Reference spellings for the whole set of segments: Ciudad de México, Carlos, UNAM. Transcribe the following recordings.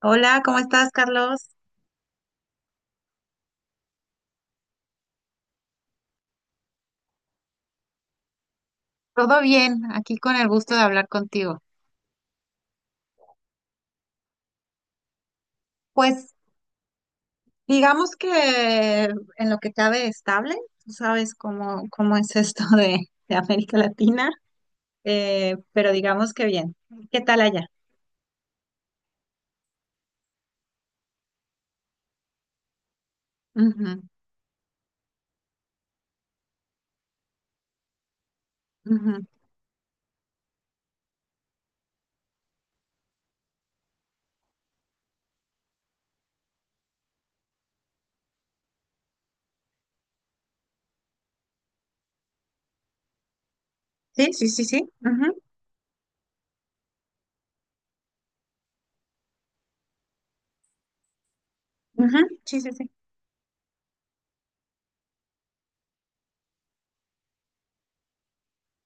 Hola, ¿cómo estás, Carlos? Todo bien, aquí con el gusto de hablar contigo. Pues digamos que en lo que cabe estable, tú sabes cómo es esto de América Latina, pero digamos que bien. ¿Qué tal allá? Ujú, ujú. Sí, sí, sí, sí. Ujú, ujú, sí, sí, sí.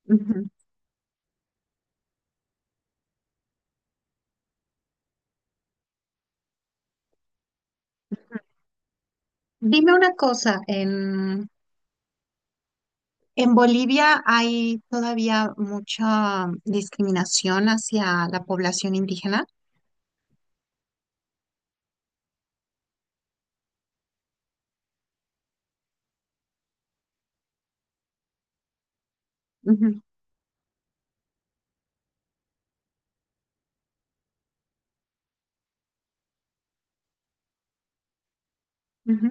Ujú. Dime una cosa, en Bolivia ¿hay todavía mucha discriminación hacia la población indígena? Ujú, ujú.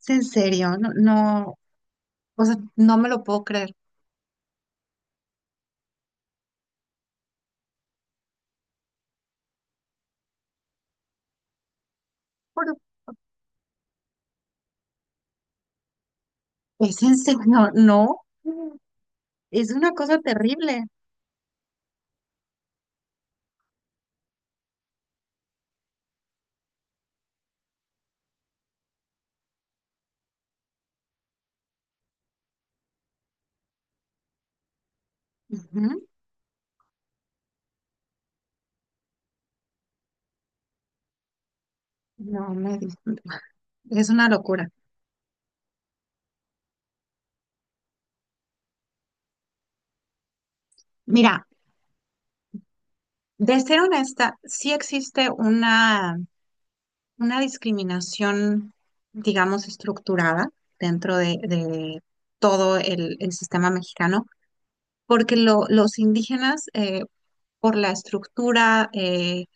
Es en serio, no, no, o sea, no me lo puedo creer. Pero es en serio, no. Es una cosa terrible. Ujú. No me di- Es una locura. Mira, de ser honesta, sí existe una discriminación, digamos, estructurada dentro de todo el sistema mexicano, porque los indígenas, por la estructura,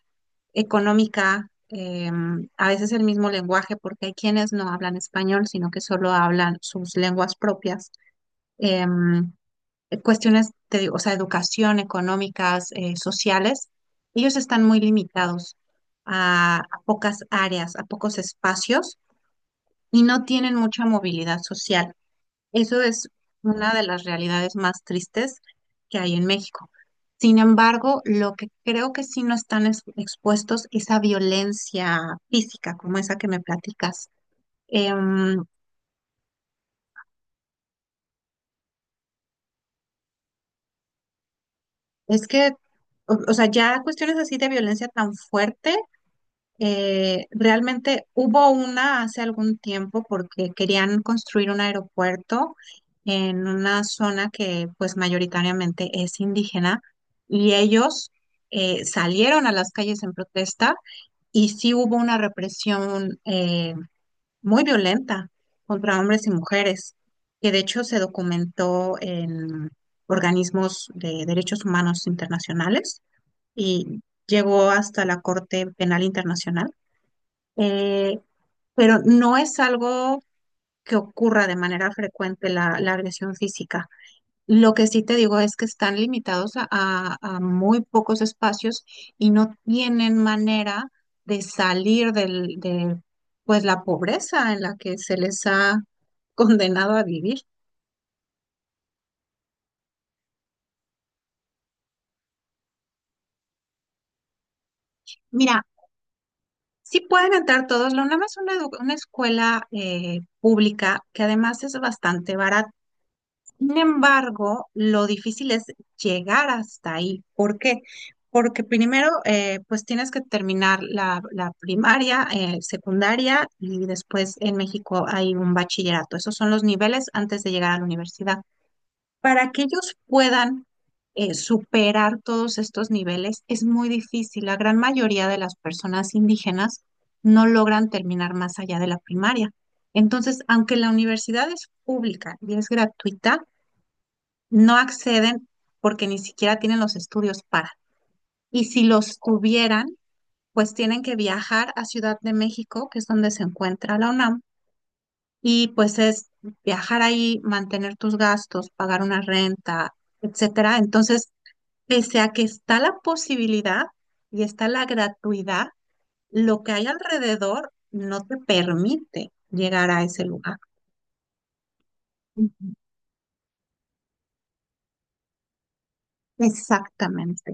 económica, a veces el mismo lenguaje, porque hay quienes no hablan español, sino que solo hablan sus lenguas propias. Em, Cuestiones, te digo, o sea, educación, económicas, sociales, ellos están muy limitados a, pocas áreas, a pocos espacios y no tienen mucha movilidad social. Eso es una de las realidades más tristes que hay en México. Sin embargo, lo que creo que sí no están expuestos es a violencia física, como esa que me platicas. Em, es que, o sea, ya cuestiones así de violencia tan fuerte. Realmente hubo una hace algún tiempo porque querían construir un aeropuerto en una zona que pues mayoritariamente es indígena y ellos salieron a las calles en protesta y sí hubo una represión muy violenta contra hombres y mujeres que de hecho se documentó en organismos de derechos humanos internacionales y llegó hasta la Corte Penal Internacional eh, pero no es algo que ocurra de manera frecuente la agresión física. Lo que sí te digo es que están limitados a, a muy pocos espacios y no tienen manera de salir de pues la pobreza en la que se les ha condenado a vivir. Mira, sí pueden entrar todos, la UNAM es una, una escuela pública que además es bastante barata. Sin embargo, lo difícil es llegar hasta ahí. ¿Por qué? Porque primero, pues tienes que terminar la primaria, secundaria y después en México hay un bachillerato. Esos son los niveles antes de llegar a la universidad. Para que ellos puedan superar todos estos niveles es muy difícil. La gran mayoría de las personas indígenas no logran terminar más allá de la primaria. Entonces, aunque la universidad es pública y es gratuita, no acceden porque ni siquiera tienen los estudios para. Y si los tuvieran, pues tienen que viajar a Ciudad de México, que es donde se encuentra la UNAM, y pues es viajar ahí, mantener tus gastos, pagar una renta, etcétera. Entonces, pese a que está la posibilidad y está la gratuidad, lo que hay alrededor no te permite llegar a ese lugar. Ujú. Exactamente,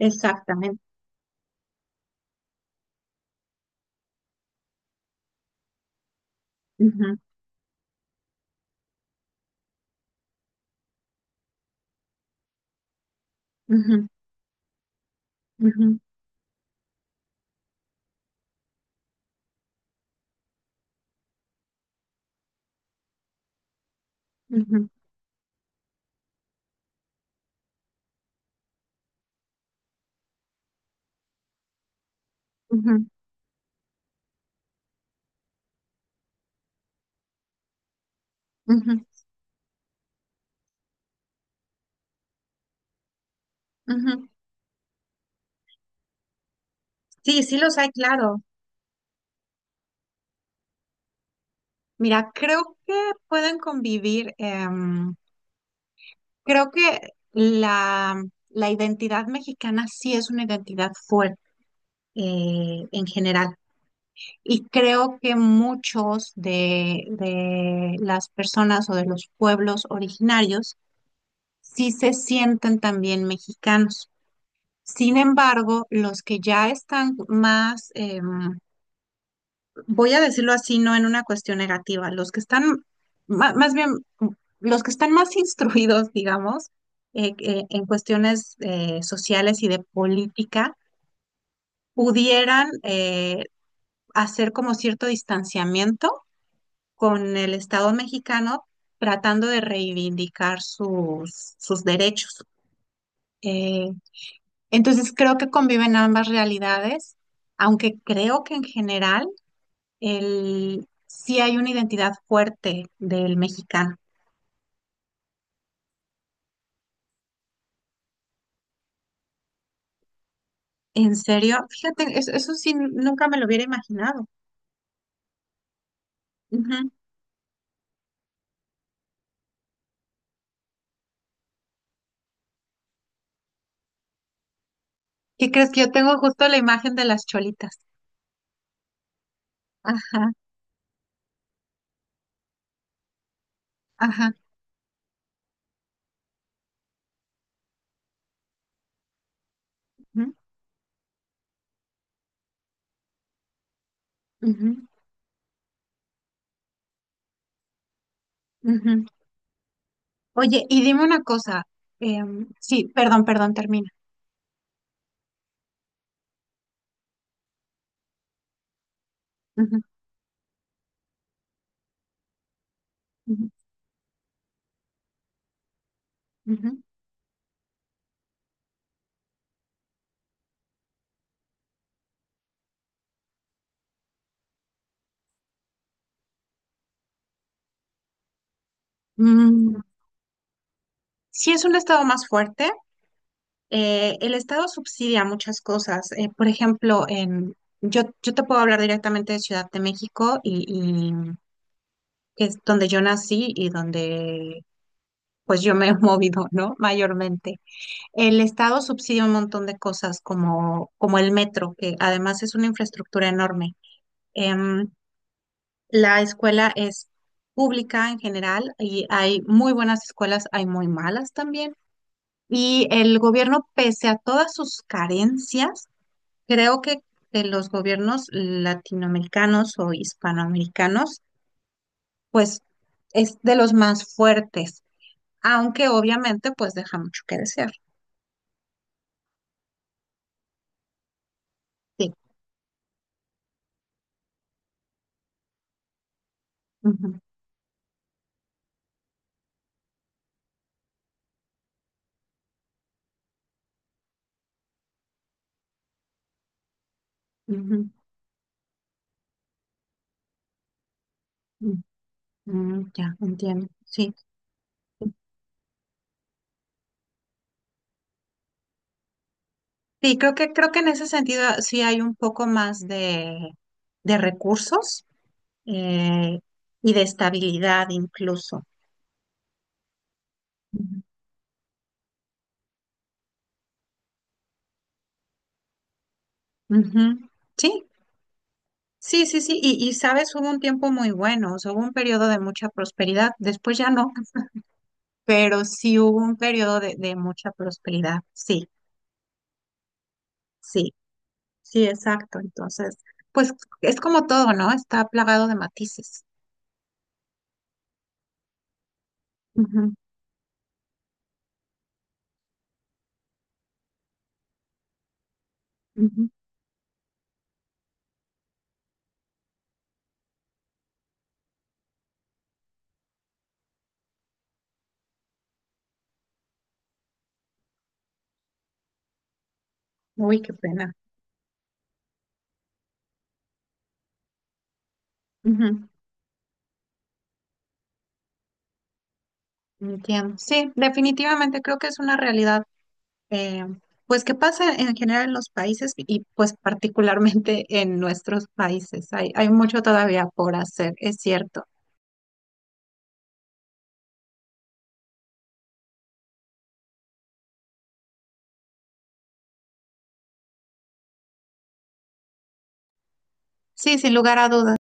exactamente. Ujú, ujú, ujú, ujú. Ujú, ujú, ujú. Sí, sí los hay, claro. Mira, creo que pueden convivir. Creo que la, la identidad mexicana sí es una identidad fuerte en general. Y creo que muchos de las personas o de los pueblos originarios sí se sienten también mexicanos. Sin embargo, los que ya están más... voy a decirlo así, no en una cuestión negativa, los que están, más bien, los que están más instruidos, digamos, en cuestiones sociales y de política, pudieran hacer como cierto distanciamiento con el Estado mexicano tratando de reivindicar sus derechos. Eh, entonces creo que conviven ambas realidades, aunque creo que en general sí hay una identidad fuerte del mexicano. En serio, fíjate, eso sí nunca me lo hubiera imaginado. Ujú. ¿Qué crees que yo tengo justo la imagen de las cholitas? Ajá, ajá. Ujú, ujú, ujú. Oye, y dime una cosa. Sí, perdón, perdón, termina. Ujú, ujú, ujú. Mm, sí es un estado más fuerte. Eh, el estado subsidia muchas cosas. Eh, por ejemplo, yo te puedo hablar directamente de Ciudad de México y que es donde yo nací y donde pues yo me he movido, ¿no? Mayormente. El Estado subsidia un montón de cosas como el metro, que además es una infraestructura enorme. Em, la escuela es pública en general y hay muy buenas escuelas, hay muy malas también. Y el gobierno, pese a todas sus carencias, creo que los gobiernos latinoamericanos o hispanoamericanos, pues es de los más fuertes aunque obviamente pues deja mucho que desear. Sí. Ujú, ujú, ujú, mm, ya, entiendo. Sí. Sí, creo creo que en ese sentido sí hay un poco más de recursos eh, y de estabilidad incluso. Ujú. Ujú. Sí, sí, sí, sí. Y sabes, hubo un tiempo muy bueno, o sea, hubo un periodo de mucha prosperidad, después ya no, pero sí hubo un periodo de mucha prosperidad, sí, sí. Sí, exacto. Entonces, pues es como todo, ¿no? Está plagado de matices. Ujú, ujú. Uy, qué pena. Ujú, entiendo. Sí, definitivamente creo que es una realidad, eh, pues que pasa en general en los países y pues particularmente en nuestros países. Hay mucho todavía por hacer, es cierto. Sí, sin lugar a dudas.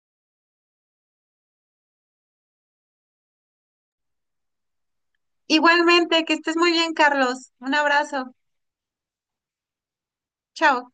Igualmente, que estés muy bien, Carlos. Un abrazo. Chao.